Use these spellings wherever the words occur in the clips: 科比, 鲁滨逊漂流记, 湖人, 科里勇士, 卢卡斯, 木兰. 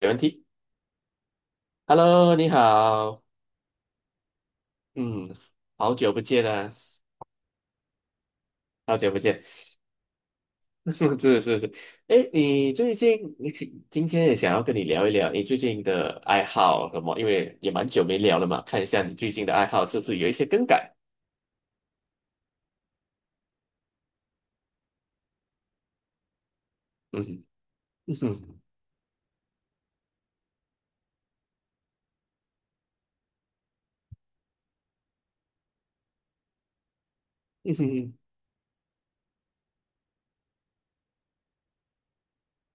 没问题。Hello，你好，嗯，好久不见啊，好久不见。是是是。哎，你最近，你可今天也想要跟你聊一聊你最近的爱好什么，因为也蛮久没聊了嘛，看一下你最近的爱好是不是有一些更改。嗯哼。嗯哼。 嗯哼。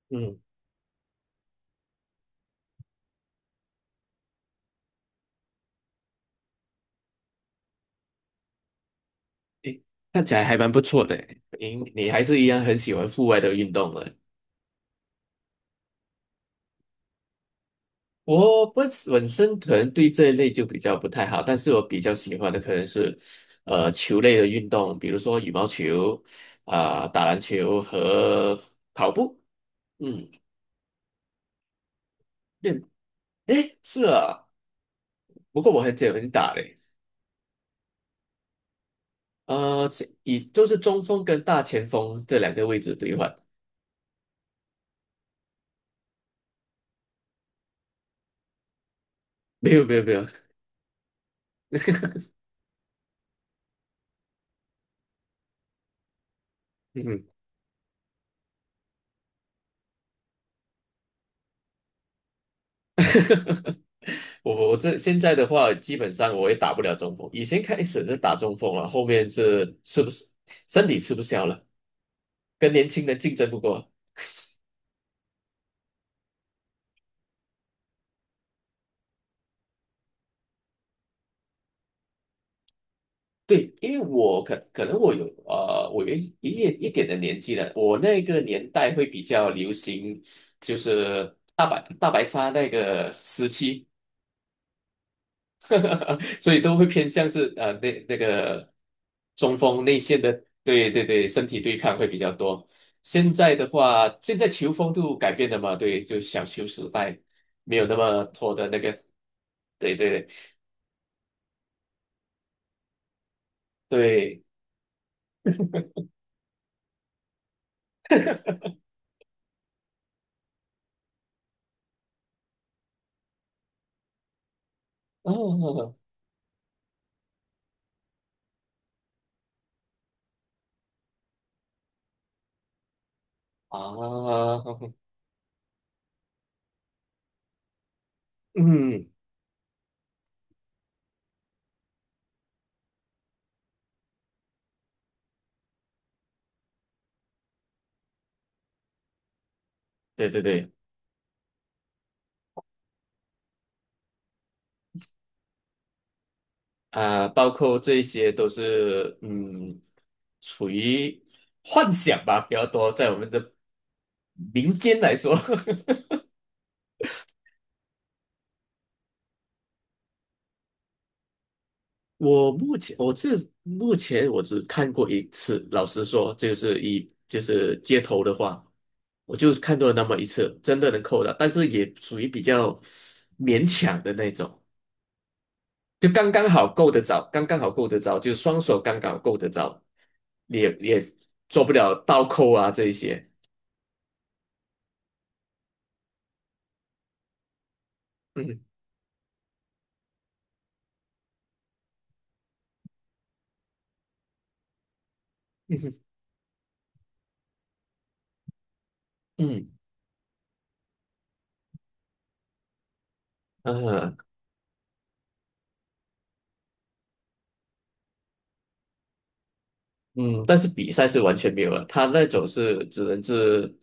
嗯，哎，看起来还蛮不错的诶，你还是一样很喜欢户外的运动的。我本身可能对这一类就比较不太好，但是我比较喜欢的可能是，球类的运动，比如说羽毛球，啊、打篮球和跑步。嗯，对，诶，是啊。不过我很久很打嘞。前以就是中锋跟大前锋这两个位置兑换。没有没有没有。嗯。我这现在的话，基本上我也打不了中锋，以前开始是打中锋了，后面是吃不，身体吃不消了。跟年轻人竞争不过。对，因为我可能我有我有一点一点的年纪了，我那个年代会比较流行，就是大白鲨那个时期。所以都会偏向是那个中锋内线的。对对对，身体对抗会比较多。现在的话，现在球风都改变了嘛。对，就小球时代没有那么拖的那个，对对对，哦啊。嗯，对对对，啊、包括这些都是嗯，属于幻想吧，比较多，在我们的民间来说。我目前我这目前我只看过一次，老实说，就是就是街头的话，我就看过那么一次，真的能扣的，但是也属于比较勉强的那种。就刚刚好够得着，刚刚好够得着，就双手刚刚好够得着。也做不了倒扣啊这一些。嗯嗯嗯嗯嗯，嗯但是比赛是完全没有了，他那种是只能是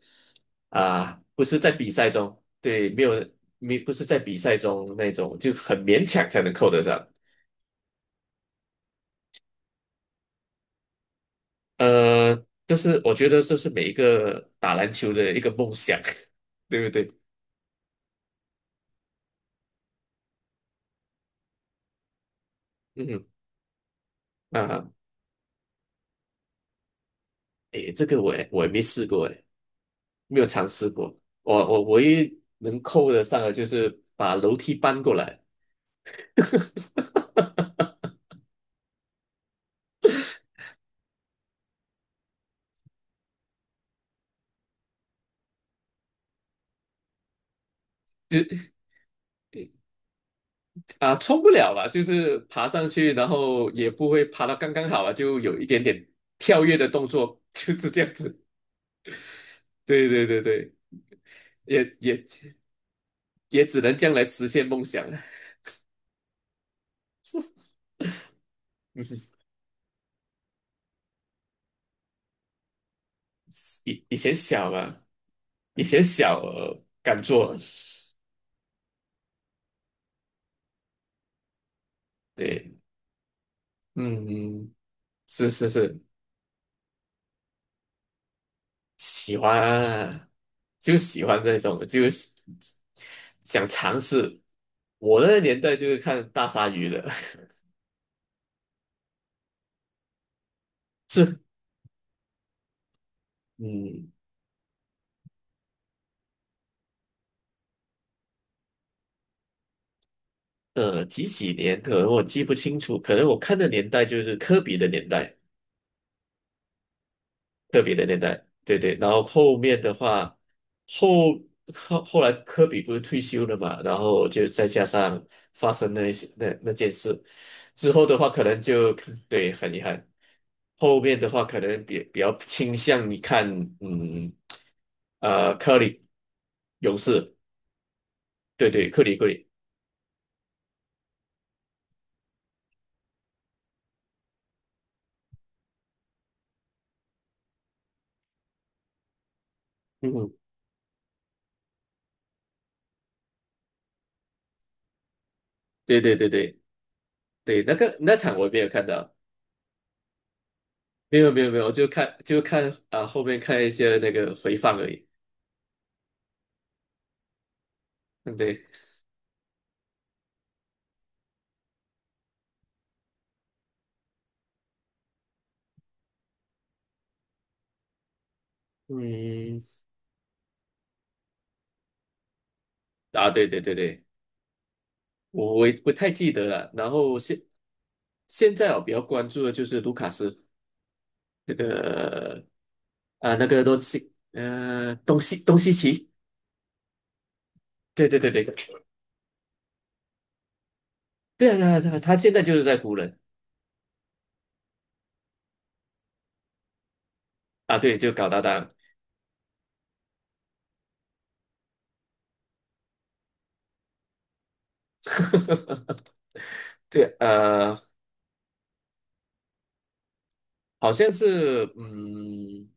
啊、不是在比赛中。对，没有没不是在比赛中那种，就很勉强才能扣得上。呃，就是我觉得这是每一个打篮球的一个梦想，对不对？嗯啊，诶，这个我也没试过诶。没有尝试过。我唯一能扣得上的就是把楼梯搬过来，就啊，冲不了吧，就是爬上去，然后也不会爬到刚刚好啊，就有一点点跳跃的动作，就是这样子。对对对对，也也也只能这样来实现梦想了。以前小嘛。以前小，敢做。对，嗯，嗯，是是是，喜欢啊。就喜欢这种，就是想尝试。我那个年代就是看大鲨鱼的。嗯，几几年可能我记不清楚，可能我看的年代就是科比的年代。特别的年代，对对。然后后面的话，后后来科比不是退休了嘛，然后就再加上发生那些那件事之后的话，可能就 对，很遗憾。后面的话，可能比较倾向于看，嗯，科里勇士。对对，克里。嗯哼，对对对对对，那个那场我没有看到。没有没有没有，我就看啊、后面看一些那个回放而已。嗯对。嗯，啊，对对对对，我也不太记得了。然后现在我比较关注的就是卢卡斯那个啊，那个东西奇。对对对对对啊，对啊，他现在就是在湖人啊。对，就搞搭档。对好像是嗯。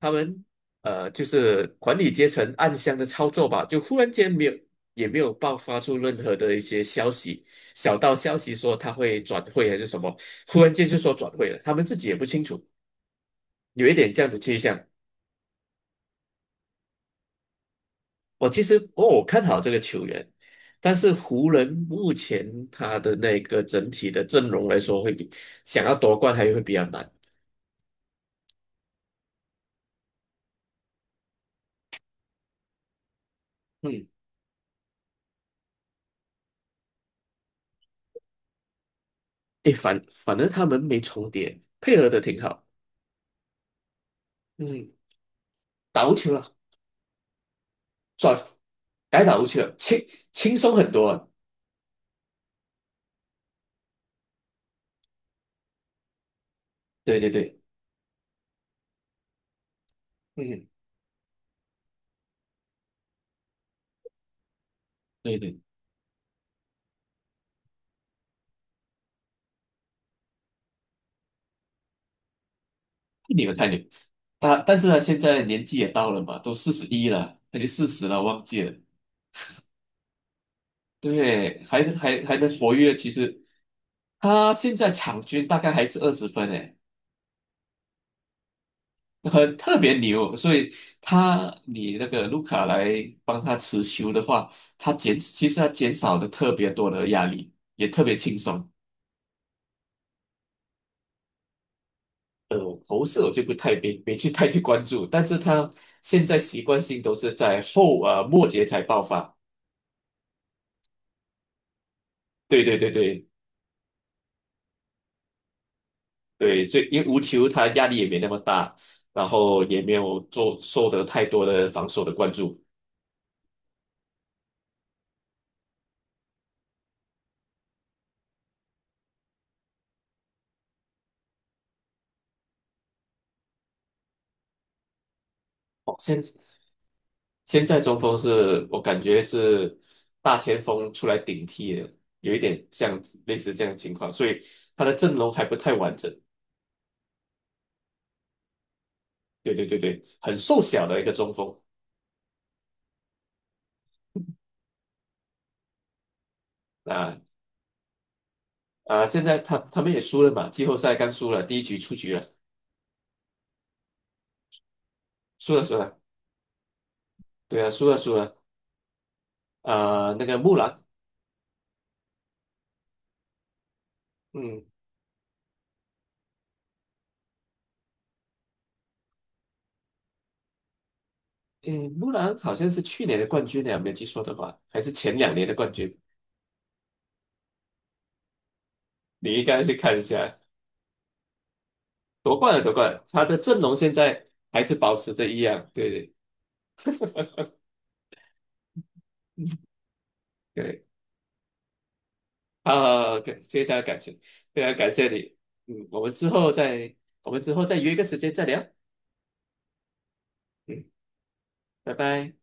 他们就是管理阶层暗箱的操作吧，就忽然间没有，也没有爆发出任何的一些消息，小道消息说他会转会还是什么，忽然间就说转会了，他们自己也不清楚，有一点这样的倾向。我其实哦，我看好这个球员，但是湖人目前他的那个整体的阵容来说，会比想要夺冠还会比较难。嗯，诶，反正他们没重叠，配合的挺好。嗯，打无球了。转改打无球了，轻松很多啊。对对对，嗯，对对，太牛太牛。他，但是他现在年纪也到了嘛，都41了，还是四十了，忘记了。对，还能能活跃，其实他现在场均大概还是20分诶，很特别牛。所以他，你那个卢卡来帮他持球的话，其实他减少了特别多的压力，也特别轻松。呃，投射我就不太，没去太去关注，但是他现在习惯性都是在末节才爆发。对对对对对，所以因为无球他压力也没那么大，然后也没有做受得太多的防守的关注。哦，现在中锋是我感觉是大前锋出来顶替的，有一点像类似这样的情况，所以他的阵容还不太完整。对对对对，很瘦小的一个中锋。啊，啊，现在他们也输了嘛，季后赛刚输了，第一局出局了。输了输了，对啊，输了输了。啊，那个木兰。嗯嗯，木兰好像是去年的冠军呢，没有记错的话，还是前两年的冠军。你应该去看一下，夺冠了夺冠了，他的阵容现在还是保持着一样。对对对，啊，感，非常感谢，非常感谢你。嗯，我们之后再约一个时间再聊。嗯，拜拜。